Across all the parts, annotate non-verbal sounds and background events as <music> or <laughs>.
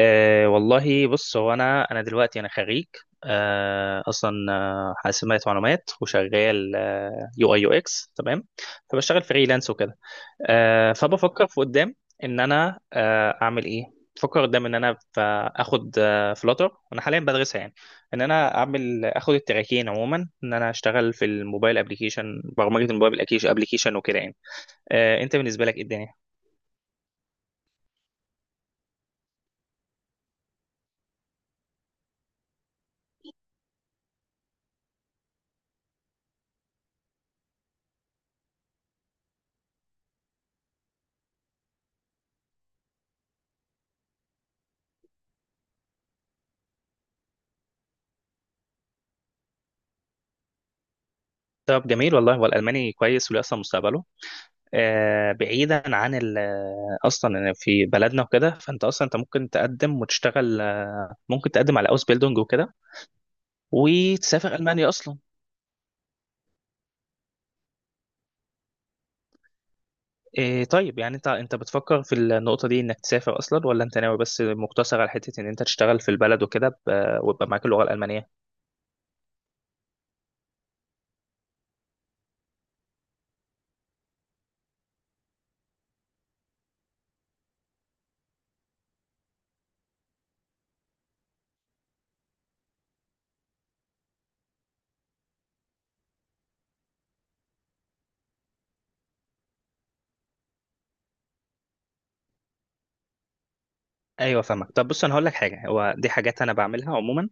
والله بص، هو انا دلوقتي انا خريج. اصلا حاسبات معلومات، وشغال يو اي يو اكس، تمام. فبشتغل فريلانس وكده. فبفكر في قدام ان انا اعمل ايه. بفكر قدام ان انا اخد فلوتر، وانا حاليا بدرسها يعني. ان انا اعمل اخد التراكين عموما، ان انا اشتغل في الموبايل ابلكيشن، برمجه الموبايل ابلكيشن وكده يعني. انت بالنسبه لك إيه الدنيا؟ طب جميل والله، والالماني كويس وليه اصلا مستقبله. بعيدا عن اصلا في بلدنا وكده، فانت اصلا انت ممكن تقدم وتشتغل، ممكن تقدم على اوس بيلدونج وكده، وتسافر المانيا اصلا. إيه طيب، يعني انت بتفكر في النقطه دي انك تسافر اصلا، ولا انت ناوي بس مقتصر على حته ان انت تشتغل في البلد وكده، ويبقى معاك اللغه الالمانيه؟ ايوه فاهمك. طب بص انا هقول لك حاجه، هو دي حاجات انا بعملها عموما.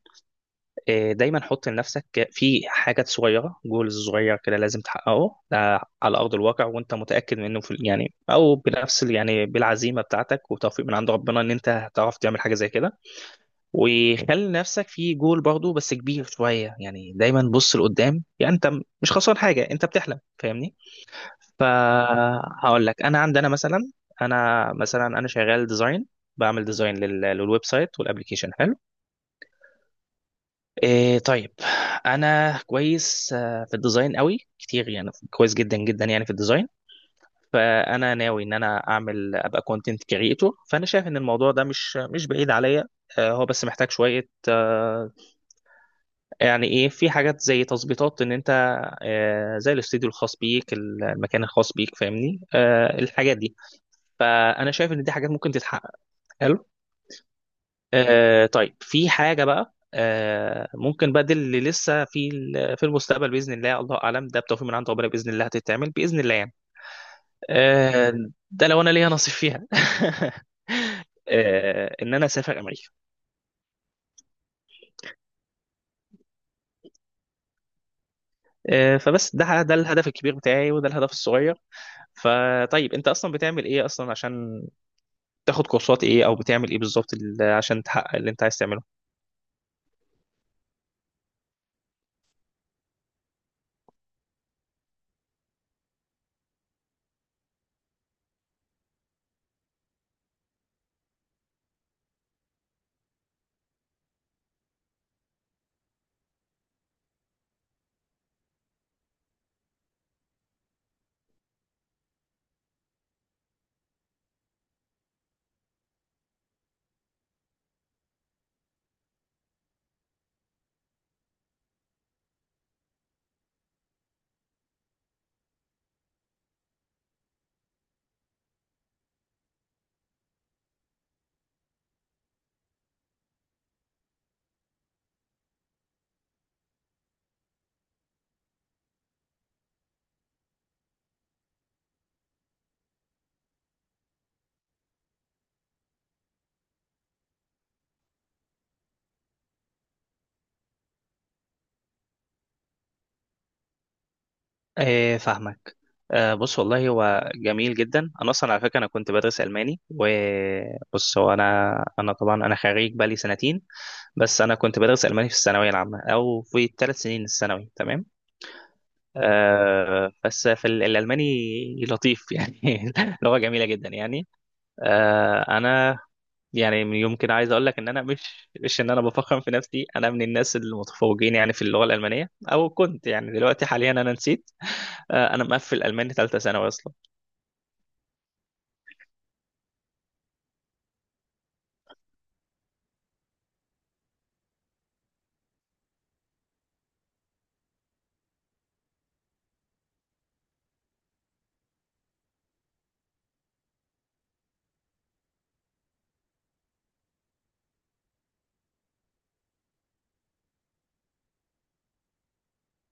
دايما حط لنفسك في حاجات صغيره، جولز صغير كده لازم تحققه، ده على ارض الواقع وانت متاكد منه، في يعني او بنفس يعني بالعزيمه بتاعتك وتوفيق من عند ربنا، ان انت هتعرف تعمل حاجه زي كده. وخلي نفسك في جول برضو بس كبير شويه، يعني دايما بص لقدام، يعني انت مش خسران حاجه، انت بتحلم، فاهمني؟ فهقول لك انا عندنا مثلا، انا مثلا انا شغال ديزاين، بعمل ديزاين للويب سايت والابلكيشن. إيه طيب، انا كويس في الديزاين قوي كتير، يعني كويس جدا جدا يعني في الديزاين. فانا ناوي ان انا اعمل ابقى كونتنت كريتور، فانا شايف ان الموضوع ده مش بعيد عليا. هو بس محتاج شوية، يعني ايه، في حاجات زي تظبيطات ان انت، زي الاستوديو الخاص بيك، المكان الخاص بيك، فاهمني؟ الحاجات دي فانا شايف ان دي حاجات ممكن تتحقق. حلو. طيب، في حاجة بقى ممكن بقى، دي اللي لسه في في المستقبل بإذن الله، الله أعلم، ده بتوفيق من عند ربنا بإذن الله هتتعمل بإذن الله يعني. آه ده لو أنا ليا نصيب فيها. <laughs> إن أنا أسافر أمريكا. فبس ده الهدف الكبير بتاعي، وده الهدف الصغير. فطيب، أنت أصلا بتعمل إيه أصلا، عشان تاخد كورسات إيه، أو بتعمل إيه بالظبط عشان تحقق اللي أنت عايز تعمله؟ فاهمك. بص والله هو جميل جدا، انا اصلا على فكره انا كنت بدرس الماني، وبص هو انا طبعا انا خريج بقالي سنتين. بس انا كنت بدرس الماني في الثانويه العامه، او في ثلاث سنين الثانوي، تمام. بس في الالماني لطيف يعني، <laughs> لغه جميله جدا يعني. انا يعني يمكن عايز اقول لك ان انا مش ان انا بفخم في نفسي، انا من الناس المتفوقين يعني في اللغه الالمانيه، او كنت يعني، دلوقتي حاليا انا نسيت. انا مقفل الماني ثالثه ثانوي اصلا.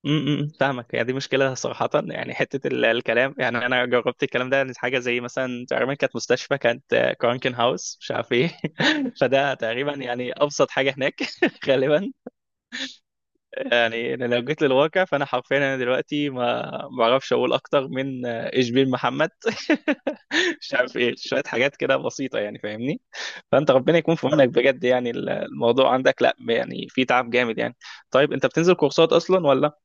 فاهمك، يعني دي مشكلة صراحة، يعني حتة الكلام. يعني أنا جربت الكلام ده، إن حاجة زي مثلا تقريبا كانت مستشفى، كانت كرانكن هاوس مش عارف إيه، <laughs> فده تقريبا يعني أبسط حاجة هناك <laughs> غالبا. يعني أنا لو جيت للواقع، فأنا حرفيا أنا دلوقتي ما بعرفش أقول أكتر من، إيش بين محمد، <laughs> مش عارف إيه، شوية حاجات كده بسيطة يعني، فاهمني؟ فأنت ربنا يكون في عونك بجد، يعني الموضوع عندك لا يعني، في تعب جامد يعني. طيب أنت بتنزل كورسات أصلا ولا؟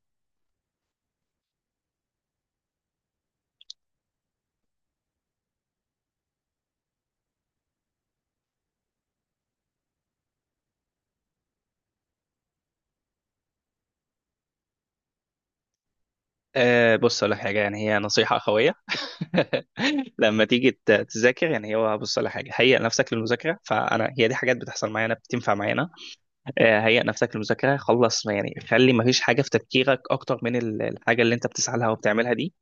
أه بص على حاجة، يعني هي نصيحة أخوية. <laughs> لما تيجي تذاكر، يعني هو بص على حاجة، هيئ نفسك للمذاكرة، فأنا هي دي حاجات بتحصل معانا، بتنفع معانا. أه هيئ نفسك للمذاكرة، خلص، ما يعني خلي ما فيش حاجة في تفكيرك أكتر من الحاجة اللي أنت بتسعى لها وبتعملها دي.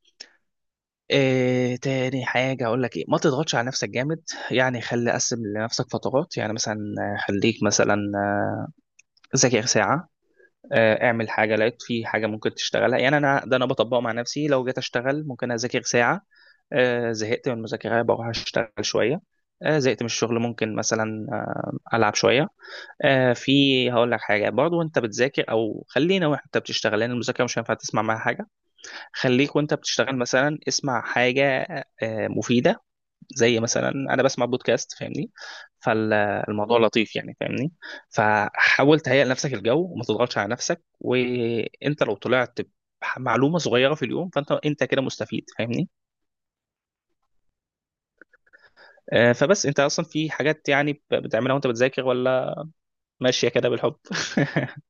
أه تاني حاجة أقول لك إيه، ما تضغطش على نفسك جامد، يعني خلي قسم لنفسك فترات، يعني مثلا خليك مثلا، ذاكر ساعة. اعمل حاجه، لقيت في حاجه ممكن تشتغلها يعني، انا ده انا بطبقه مع نفسي، لو جيت اشتغل ممكن اذاكر ساعه، زهقت من المذاكره بروح اشتغل شويه، زهقت من الشغل ممكن مثلا العب شويه. في هقول لك حاجه برضو، وانت بتذاكر، او خلينا وانت بتشتغل، لان المذاكره مش هينفع تسمع معاها حاجه. خليك وانت بتشتغل مثلا اسمع حاجه مفيده، زي مثلا انا بسمع بودكاست، فاهمني؟ فالموضوع لطيف يعني، فاهمني. فحاول تهيئ لنفسك الجو، وما تضغطش على نفسك. وانت لو طلعت معلومة صغيرة في اليوم، فانت كده مستفيد، فاهمني؟ فبس انت اصلا في حاجات يعني بتعملها وانت بتذاكر، ولا ماشية كده بالحب؟ <laughs>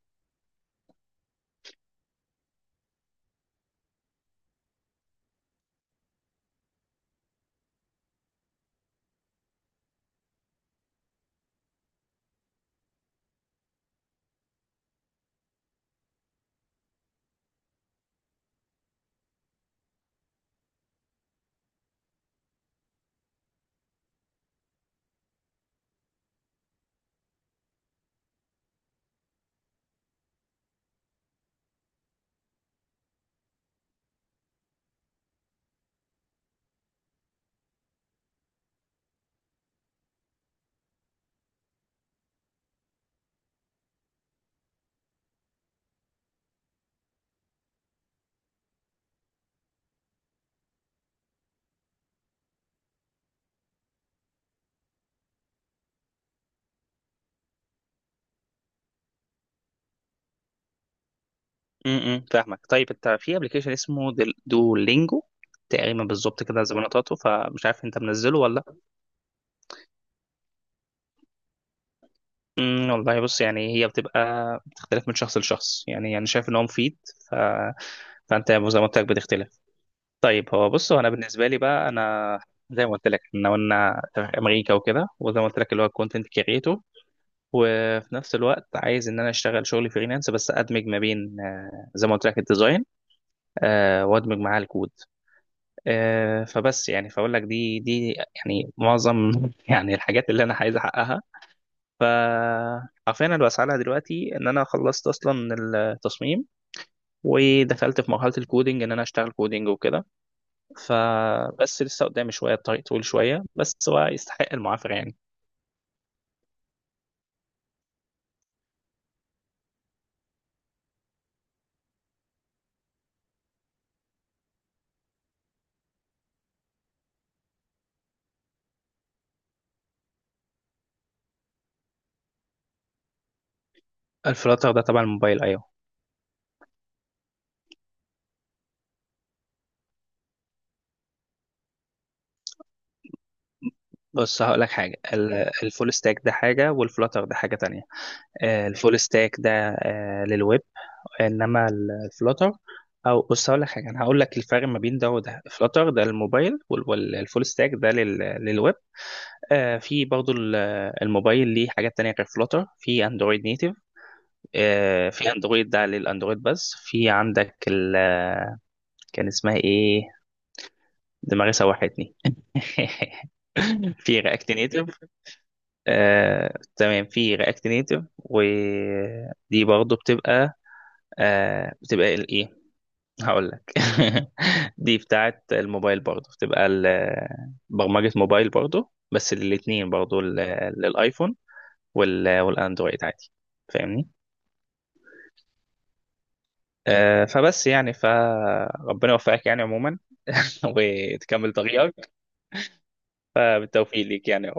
فاهمك. طيب انت في ابلكيشن اسمه دولينجو تقريبا، بالظبط كده زي ما نطقته، فمش عارف انت منزله ولا؟ والله بص، يعني هي بتبقى بتختلف من شخص لشخص، يعني انا شايف ان هو مفيد. ف... فانت زي ما قلت لك بتختلف. طيب هو بص، هو انا بالنسبه لي بقى، انا زي ما قلت لك احنا قلنا امريكا وكده، وزي ما قلت لك اللي هو الكونتنت كريتور. وفي نفس الوقت عايز ان انا اشتغل شغل فريلانس، بس ادمج ما بين، زي ما قلت لك الديزاين، وادمج معاه الكود. فبس يعني فاقول لك دي يعني معظم <laughs> يعني الحاجات اللي انا عايز احققها. ف حرفيا انا بسعى دلوقتي، ان انا خلصت اصلا التصميم، ودخلت في مرحله الكودينج، ان انا اشتغل كودينج وكده. فبس لسه قدامي شويه، الطريق طويل شويه، بس هو يستحق المعافره يعني. الفلاتر ده تبع الموبايل، ايوه. بص هقول لك حاجه، الفول ستاك ده حاجه، والفلاتر ده حاجه تانية. الفول ستاك ده للويب، انما الفلاتر، او بص هقول لك حاجه، انا هقول لك الفرق ما بين ده وده. الفلاتر ده للموبايل، والفول ستاك ده للويب. في برضو الموبايل ليه حاجات تانية غير فلوتر، في اندرويد نيتيف. في اندرويد ده للاندرويد بس، في عندك ال آه، كان اسمها ايه، دماغي سوحتني، <laughs> في رياكت نيتيف. تمام، في رياكت نيتيف ودي برضو بتبقى بتبقى الايه، هقول لك. <laughs> دي بتاعت الموبايل برضو، بتبقى برمجة موبايل برضو، بس الاثنين برضو للايفون والاندرويد عادي، فاهمني؟ فبس يعني، فربنا يوفقك يعني عموما، <laughs> وتكمل طريقك. بالتوفيق ليك يعني.